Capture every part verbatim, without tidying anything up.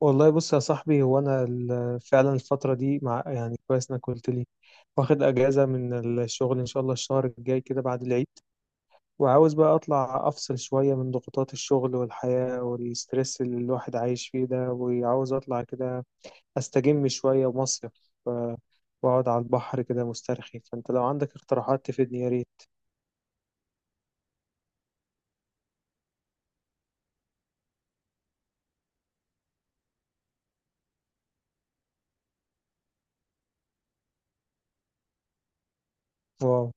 والله، بص يا صاحبي، هو انا ال- فعلا الفتره دي مع يعني كويس انك قلت لي. واخد اجازه من الشغل ان شاء الله الشهر الجاي كده بعد العيد. وعاوز بقى اطلع افصل شويه من ضغوطات الشغل والحياه والستريس اللي الواحد عايش فيه ده، وعاوز اطلع كده استجم شويه مصيف. ف- واقعد على البحر كده مسترخي. فانت لو عندك اقتراحات تفيدني يا ريت.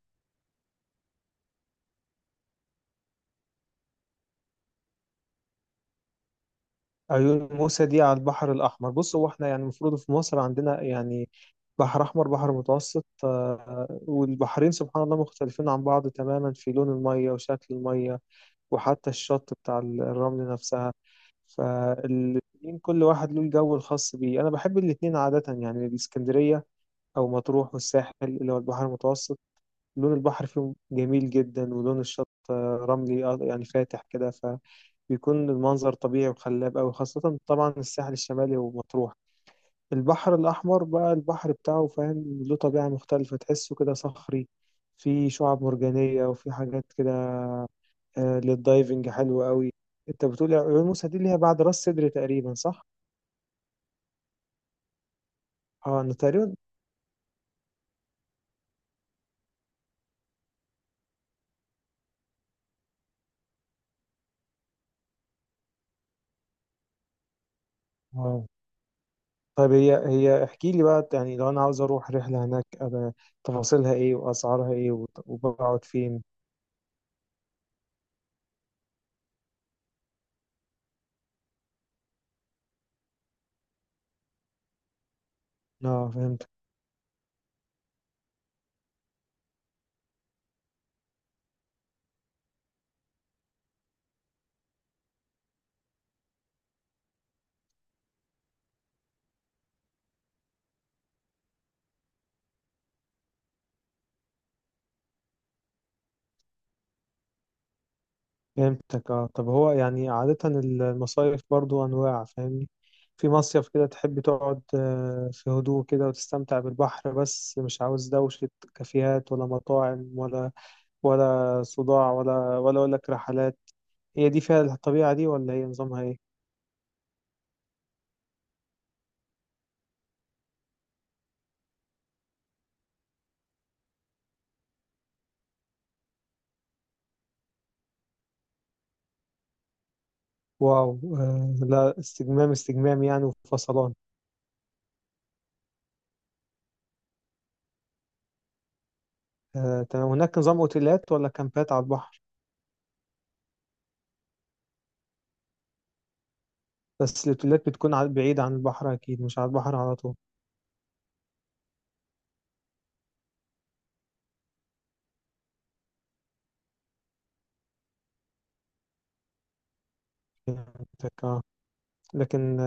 عيون موسى دي على البحر الأحمر؟ بص، هو احنا يعني المفروض في مصر عندنا يعني بحر أحمر، بحر متوسط، آه، والبحرين سبحان الله مختلفين عن بعض تماما في لون المية وشكل المية وحتى الشط بتاع الرمل نفسها. فالاتنين كل واحد له الجو الخاص بيه. أنا بحب الاتنين عادة، يعني الإسكندرية أو مطروح والساحل اللي هو البحر المتوسط، لون البحر فيهم جميل جدا ولون الشط، آه، رملي، آه، يعني فاتح كده. بيكون المنظر طبيعي وخلاب أوي، خاصة طبعا الساحل الشمالي ومطروح. البحر الأحمر بقى البحر بتاعه فاهم، له طبيعة مختلفة، تحسه كده صخري، في شعاب مرجانية وفي حاجات كده، آه، للدايفنج حلوة أوي. أنت بتقول عيون موسى دي اللي هي بعد راس سدر تقريبا، صح؟ اه، أنا تقريبا. اه، طيب هي هي احكي لي بقى يعني لو أنا عاوز أروح رحلة هناك أبقى تفاصيلها إيه وأسعارها إيه وت- وبقعد فين؟ اه، فهمت. فهمتك، اه. طب هو يعني عادة المصايف برضو أنواع فاهمني. في مصيف كده تحب تقعد، آه، في هدوء كده وتستمتع بالبحر بس مش عاوز دوشة كافيهات ولا مطاعم ولا ولا صداع ولا ولا أقول لك رحلات. هي دي فيها الطبيعة دي ولا هي نظامها ايه؟ واو، آه، لا، استجمام استجمام يعني وفصلان. آه، تمام. هناك نظام اوتيلات ولا كامبات على البحر؟ بس الاوتيلات بتكون على- بعيدة عن البحر أكيد، مش على البحر على طول. فهمتك، آه. لكن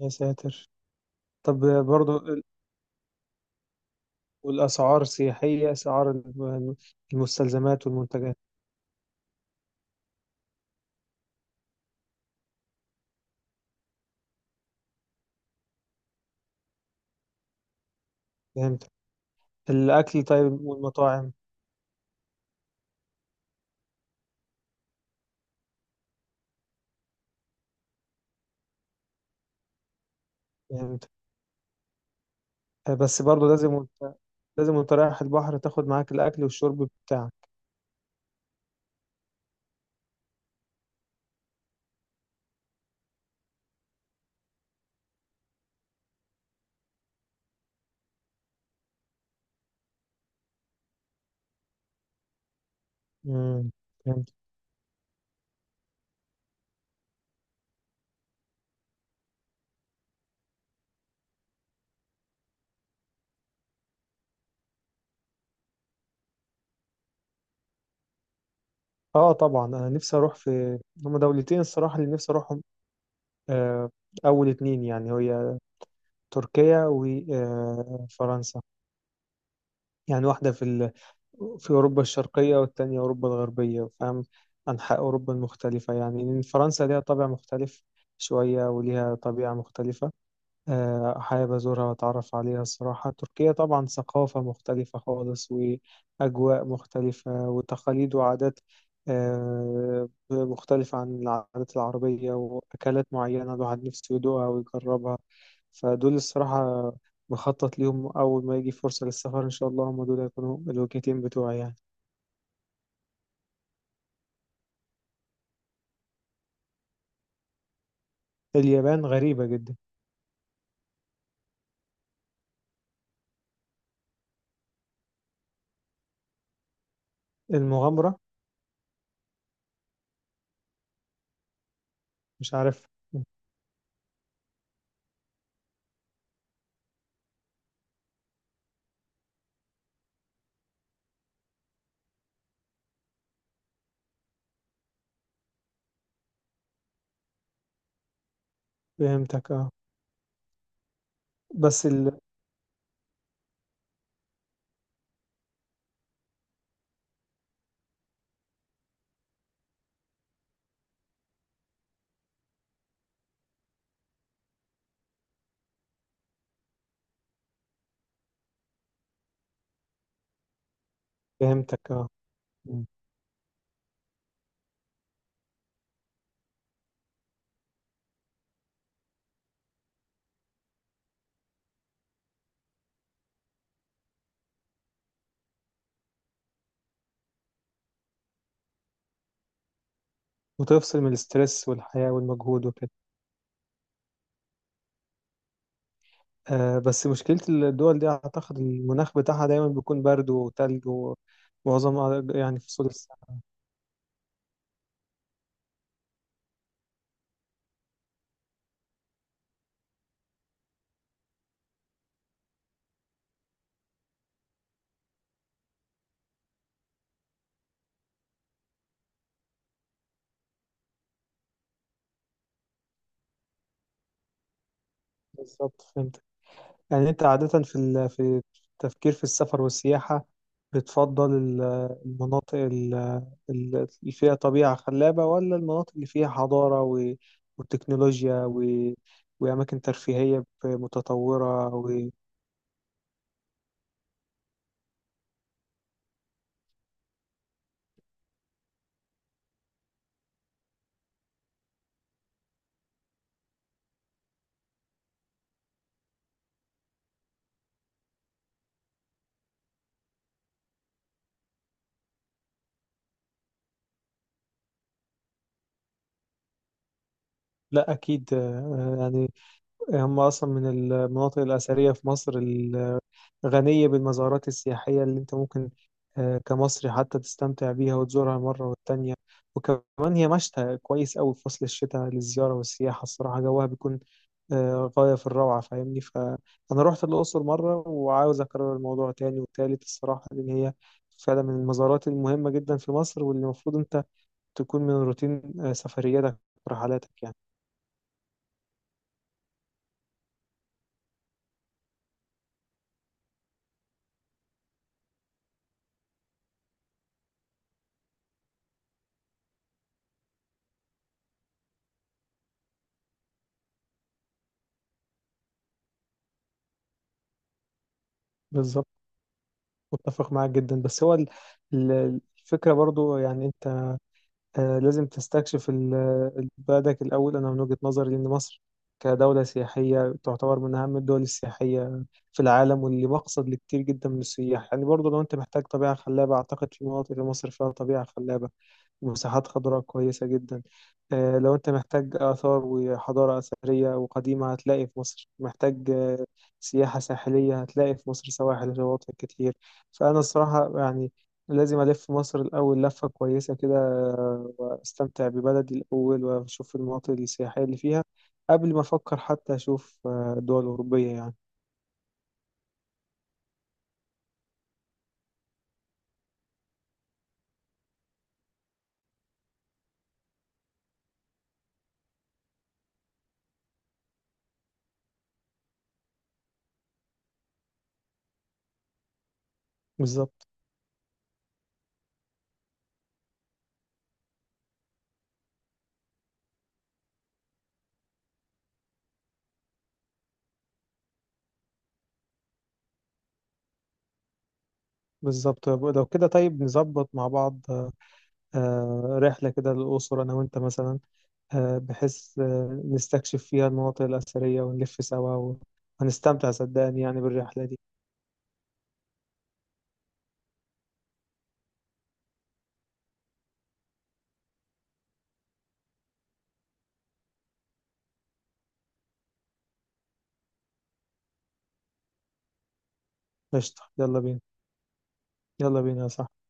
يا ساتر، طب برضو ال- والأسعار سياحية، أسعار الم- المستلزمات والمنتجات. فهمت. الأكل طيب والمطاعم. فهمت. بس برضو لازم وانت لازم وانت رايح البحر تاخد معاك الأكل والشرب بتاعك. مم، فهمت. اه، طبعا أنا نفسي أروح في هما دولتين الصراحة اللي نفسي أروحهم. آه، أول اتنين يعني هي تركيا وفرنسا. يعني واحدة في ال في أوروبا الشرقية والتانية أوروبا الغربية فاهم. أنحاء أوروبا المختلفة يعني إن فرنسا ليها طابع مختلف شوية وليها طبيعة مختلفة، آه، حابب أزورها وأتعرف عليها الصراحة. تركيا طبعا ثقافة مختلفة خالص وأجواء مختلفة وتقاليد وعادات، آه، مختلفة عن العادات العربية وأكلات معينة الواحد نفسه يدوقها ويجربها. فدول الصراحة بخطط ليهم أول ما يجي فرصة للسفر إن شاء الله هم دول هيكونوا الوجهتين بتوعي يعني. اليابان غريبة جدا. المغامرة. مش عارف. فهمتك، اه. بس ال... فهمتك، اه. وتفصل من الاسترس والحياة والمجهود وكده. آه، بس مشكلة الدول دي أعتقد المناخ بتاعها دايما بيكون برد وتلج ومعظم يعني فصول السنة. بالظبط، فهمت. يعني أنت عادة في ال... في التفكير في السفر والسياحة بتفضل ال- المناطق ال- ال- اللي فيها طبيعة خلابة ولا المناطق اللي فيها حضارة و، وتكنولوجيا و، وأماكن ترفيهية متطورة و. لا، أكيد آه، يعني هم أصلا من المناطق الأثرية في مصر الغنية بالمزارات السياحية اللي أنت ممكن، آه، كمصري حتى تستمتع بيها وتزورها مرة والتانية. وكمان هي مشتى كويس أوي في فصل الشتاء للزيارة والسياحة الصراحة، جوها بيكون، آه، غاية في الروعة فاهمني. فأنا رحت الأقصر مرة وعاوز أكرر الموضوع تاني وتالت الصراحة، لأن هي فعلا من المزارات المهمة جدا في مصر واللي المفروض أنت تكون من روتين، آه، سفرياتك ورحلاتك يعني. بالظبط، متفق معاك جدا. بس هو ال- ال- الفكرة برضو يعني انت، آه، لازم تستكشف ال- ال- بلدك الأول. أنا من وجهة نظري لأن مصر كدولة سياحية تعتبر من أهم الدول السياحية في العالم واللي مقصد لكتير جدا من السياح يعني. برضو لو انت محتاج طبيعة خلابة أعتقد في مناطق في مصر فيها طبيعة خلابة، مساحات خضراء كويسة جدا، آه، لو أنت محتاج آثار وحضارة أثرية وقديمة هتلاقي في مصر، محتاج آه، سياحة ساحلية هتلاقي في مصر سواحل شواطئ كتير. فأنا الصراحة يعني لازم ألف مصر الأول لفة كويسة كده، آه، وأستمتع ببلدي الأول وأشوف المناطق السياحية اللي فيها قبل ما أفكر حتى أشوف، آه، دول أوروبية يعني. بالظبط. بالظبط لو كده طيب نظبط مع بعض، آه، آه، رحلة كده للأقصر أنا وأنت مثلا، آه، بحيث آه، نستكشف فيها المناطق الأثرية ونلف سوا وهنستمتع صدقني يعني بالرحلة دي. قشطة، يلا بينا. يلا بينا يا صاحبي.